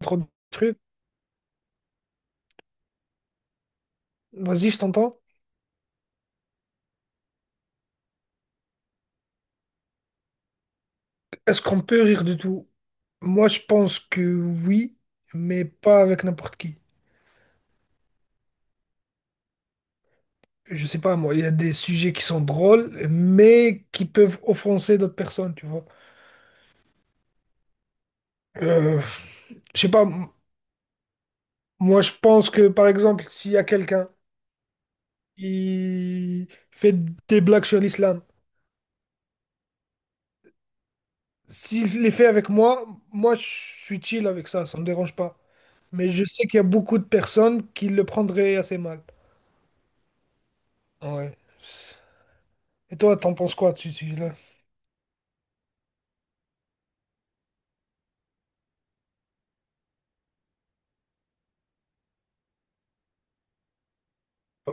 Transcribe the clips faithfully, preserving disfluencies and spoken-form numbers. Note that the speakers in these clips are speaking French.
Trop de trucs. Vas-y, je t'entends. Est-ce qu'on peut rire de tout? Moi, je pense que oui, mais pas avec n'importe qui. Je sais pas, moi, il y a des sujets qui sont drôles, mais qui peuvent offenser d'autres personnes, tu vois. Euh, je sais pas, m- moi, je pense que, par exemple, s'il y a quelqu'un qui fait des blagues sur l'islam, s'il les fait avec moi, moi, je suis chill avec ça, ça me dérange pas. Mais je sais qu'il y a beaucoup de personnes qui le prendraient assez mal. Ouais. Et toi, t'en penses quoi de ce sujet-là?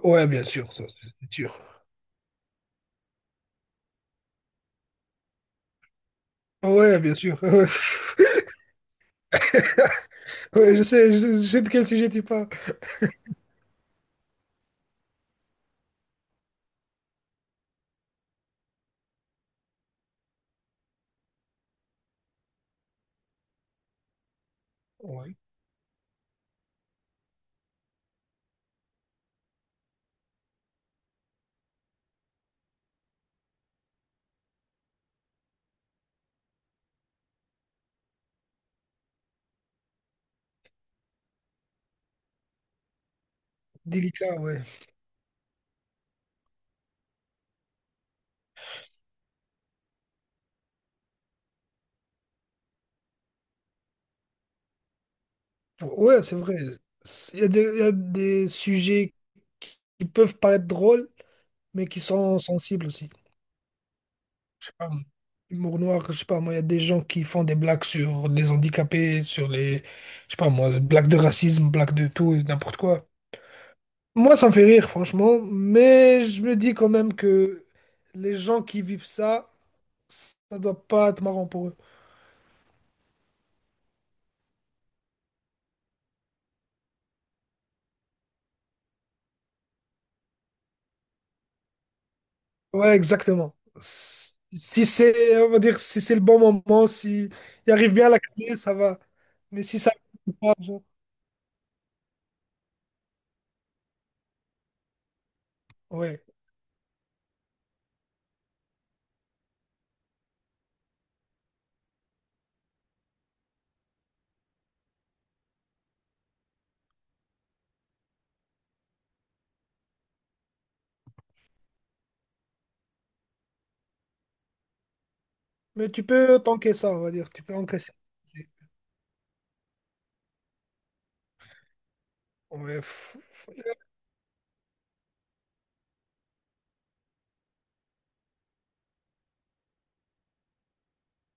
Ouais, bien sûr, ça, c'est sûr. Ouais, bien sûr. Ouais, je sais, je, sais, je sais de quel sujet tu parles. Ouais. Délicat, ouais. Ouais, c'est vrai. Il y a des, il y a des sujets qui peuvent paraître drôles, mais qui sont sensibles aussi. Je sais pas. Humour noir, je sais pas, moi, il y a des gens qui font des blagues sur les handicapés, sur les, je sais pas, moi, blagues de racisme, blagues de tout et n'importe quoi. Moi, ça me fait rire, franchement, mais je me dis quand même que les gens qui vivent ça, ça doit pas être marrant pour eux. Ouais, exactement. Si c'est, on va dire, si c'est le bon moment, si il arrive bien à la clé, ça va. Mais si ça arrive pas, genre, ouais. Mais tu peux tanker ça, on va dire. Tu peux encaisser. Ouais, f- f-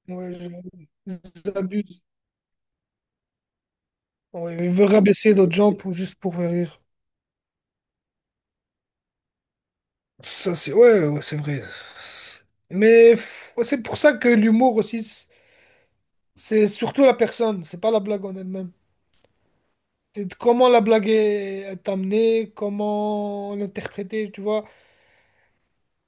ouais, je- ils abusent. Ouais, ils veulent rabaisser d'autres gens pour juste pour faire rire. Ça, c'est ouais, ouais, c'est vrai. Mais f- ouais, c'est pour ça que l'humour aussi, c'est c'est surtout la personne, c'est pas la blague en elle-même. Et de comment la blague est est amenée, comment l'interpréter, tu vois.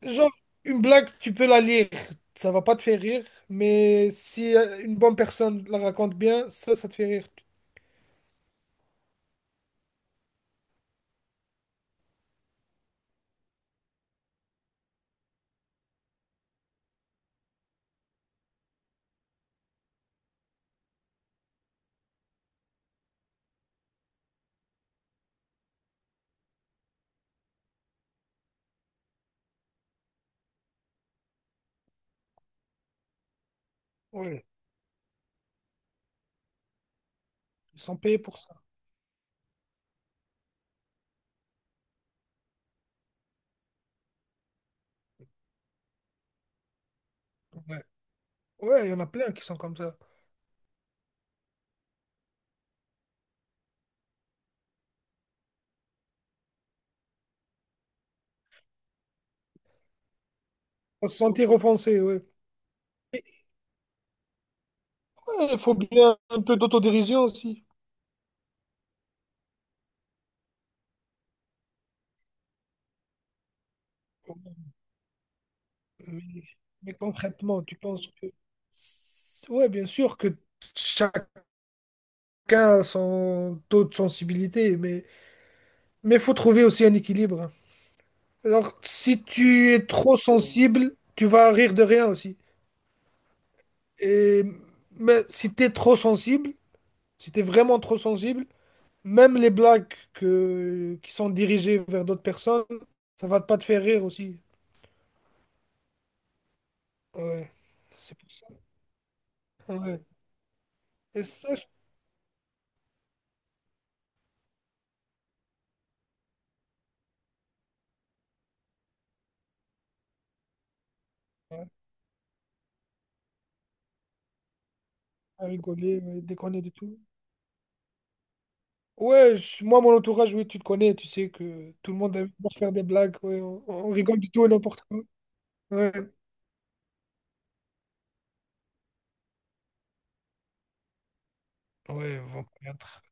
Genre, une blague, tu peux la lire, ça va pas te faire rire, mais si euh, une bonne personne la raconte bien, ça, ça te fait rire. Ouais, ils sont payés pour ça. Ouais, ouais, il y en a plein qui sont comme ça. Pour se sentir offensé, ouais. Et, ouais, il faut bien un peu d'autodérision aussi. Mais, mais concrètement, tu penses que... Ouais, bien sûr que chacun a son taux de sensibilité, mais... Mais il faut trouver aussi un équilibre. Alors, si tu es trop sensible, tu vas rire de rien aussi. Et mais si tu es trop sensible, si tu es vraiment trop sensible, même les blagues que, qui sont dirigées vers d'autres personnes, ça va pas te faire rire aussi. Ouais, c'est pour ça. Ouais. Et ça, je ouais, à rigoler, ouais, déconner du tout. Ouais, je- moi, mon entourage, oui, tu te connais, tu sais que tout le monde aime bien faire des blagues. Ouais, on, on rigole du tout et n'importe quoi. Ouais, ouais, vont connaître.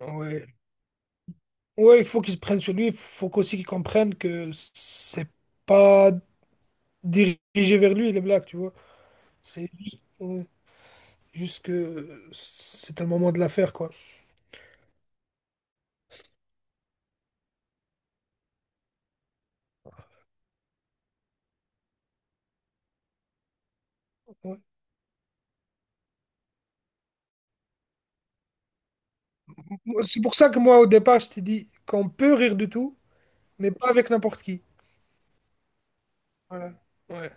Ouais. Ouais, il faut qu'ils prennent sur lui, il faut qu'aussi qu'ils comprennent que c'est pas dirigé vers lui les blagues, tu vois. C'est juste, ouais, juste que c'est un moment de l'affaire, quoi. Ouais. Moi, c'est pour ça que moi, au départ, je t'ai dit qu'on peut rire de tout, mais pas avec n'importe qui. Ouais.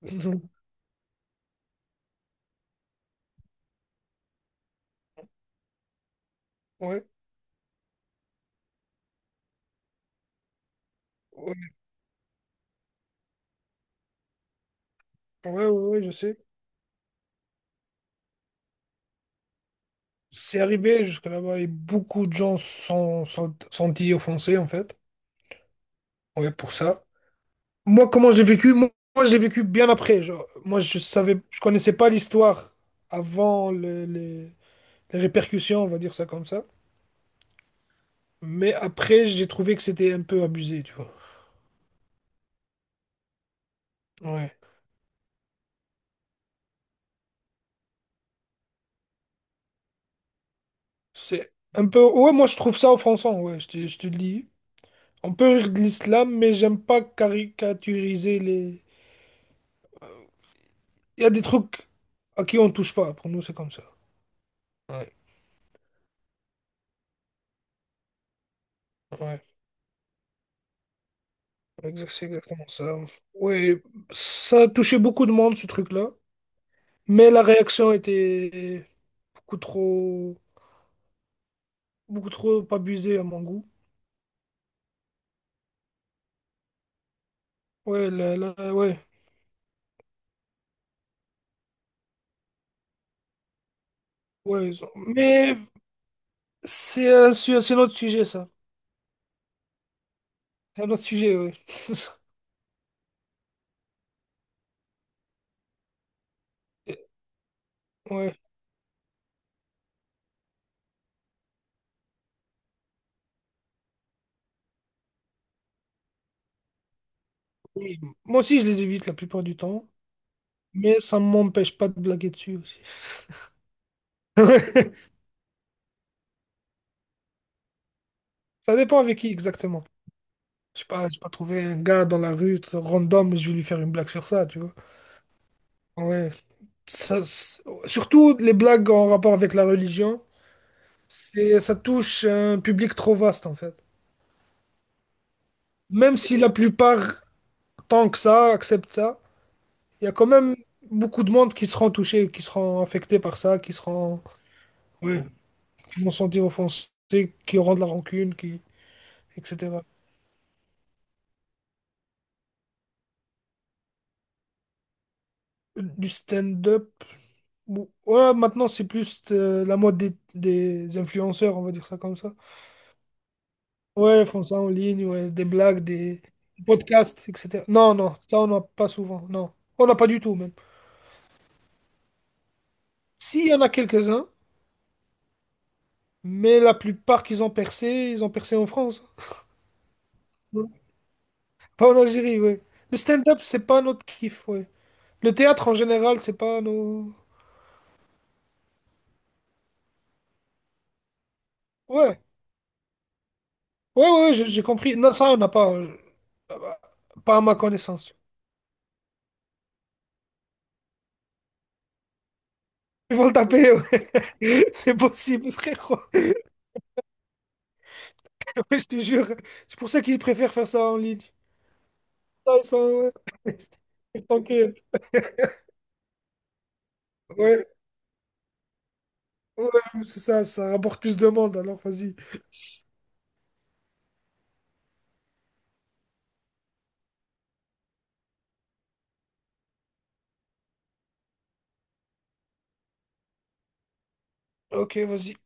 Ouais, ouais, ouais, ouais, ouais, je sais. C'est arrivé jusque là-bas et beaucoup de gens sont, sont, sont dit offensés, en fait. Ouais, pour ça. Moi, comment je l'ai vécu? Moi, moi, je l'ai vécu bien après. Genre, moi, je savais, je connaissais pas l'histoire avant le- le- les répercussions, on va dire ça comme ça. Mais après, j'ai trouvé que c'était un peu abusé, tu vois. Ouais. C'est un peu. Ouais, moi, je trouve ça offensant. Ouais, je te, je te le dis. On peut rire de l'islam, mais j'aime pas caricaturiser les. Il y a des trucs à qui on touche pas. Pour nous, c'est comme ça. Ouais, ouais. Exact- C'est exactement ça. Ouais, ça a touché beaucoup de monde, ce truc-là. Mais la réaction était beaucoup trop, beaucoup trop abusée à mon goût. Ouais, la- la- ouais, ouais. ils ont- Mais c'est un, su- c'est un autre sujet, ça. C'est un autre sujet, ouais. Et- Ouais. Oui. Moi aussi, je les évite la plupart du temps, mais ça ne m'empêche pas de blaguer dessus aussi. Ça dépend avec qui exactement. Je sais pas, j'ai pas trouvé un gars dans la rue tout random, je vais lui faire une blague sur ça, tu vois. Ouais. Ça, c'est- surtout les blagues en rapport avec la religion. C'est, ça touche un public trop vaste en fait. Même si la plupart, tant que ça, acceptent ça, il y a quand même beaucoup de monde qui seront touchés, qui seront affectés par ça, qui seront, oui, qui vont se sentir offensés, qui auront de la rancune, qui, et cetera. Du stand-up, ou- ouais, maintenant c'est plus euh, la mode des, des influenceurs, on va dire ça comme ça. Ouais, ils font ça en ligne, ouais, des blagues, des podcasts, et cetera. Non, non, ça on n'a pas souvent, non. On n'a pas du tout même. S'il y en a quelques-uns, mais la plupart qu'ils ont percé, ils ont percé en France. Ouais. Pas en Algérie, ouais. Le stand-up, c'est pas notre kiff, ouais. Le théâtre, en général, c'est pas nos... Ouais, ouais, ouais, j'ai j'ai compris. Non, ça, on n'a pas... euh, bah, Pas à ma connaissance. Ils vont le taper, ouais. C'est possible, frérot. Ouais, je te jure. C'est pour ça qu'ils préfèrent faire ça en ligne. Ça, ils sont... ouais. Tant que... Ouais, ouais, c'est ça, ça rapporte plus de monde, alors vas-y. Ok, vas-y.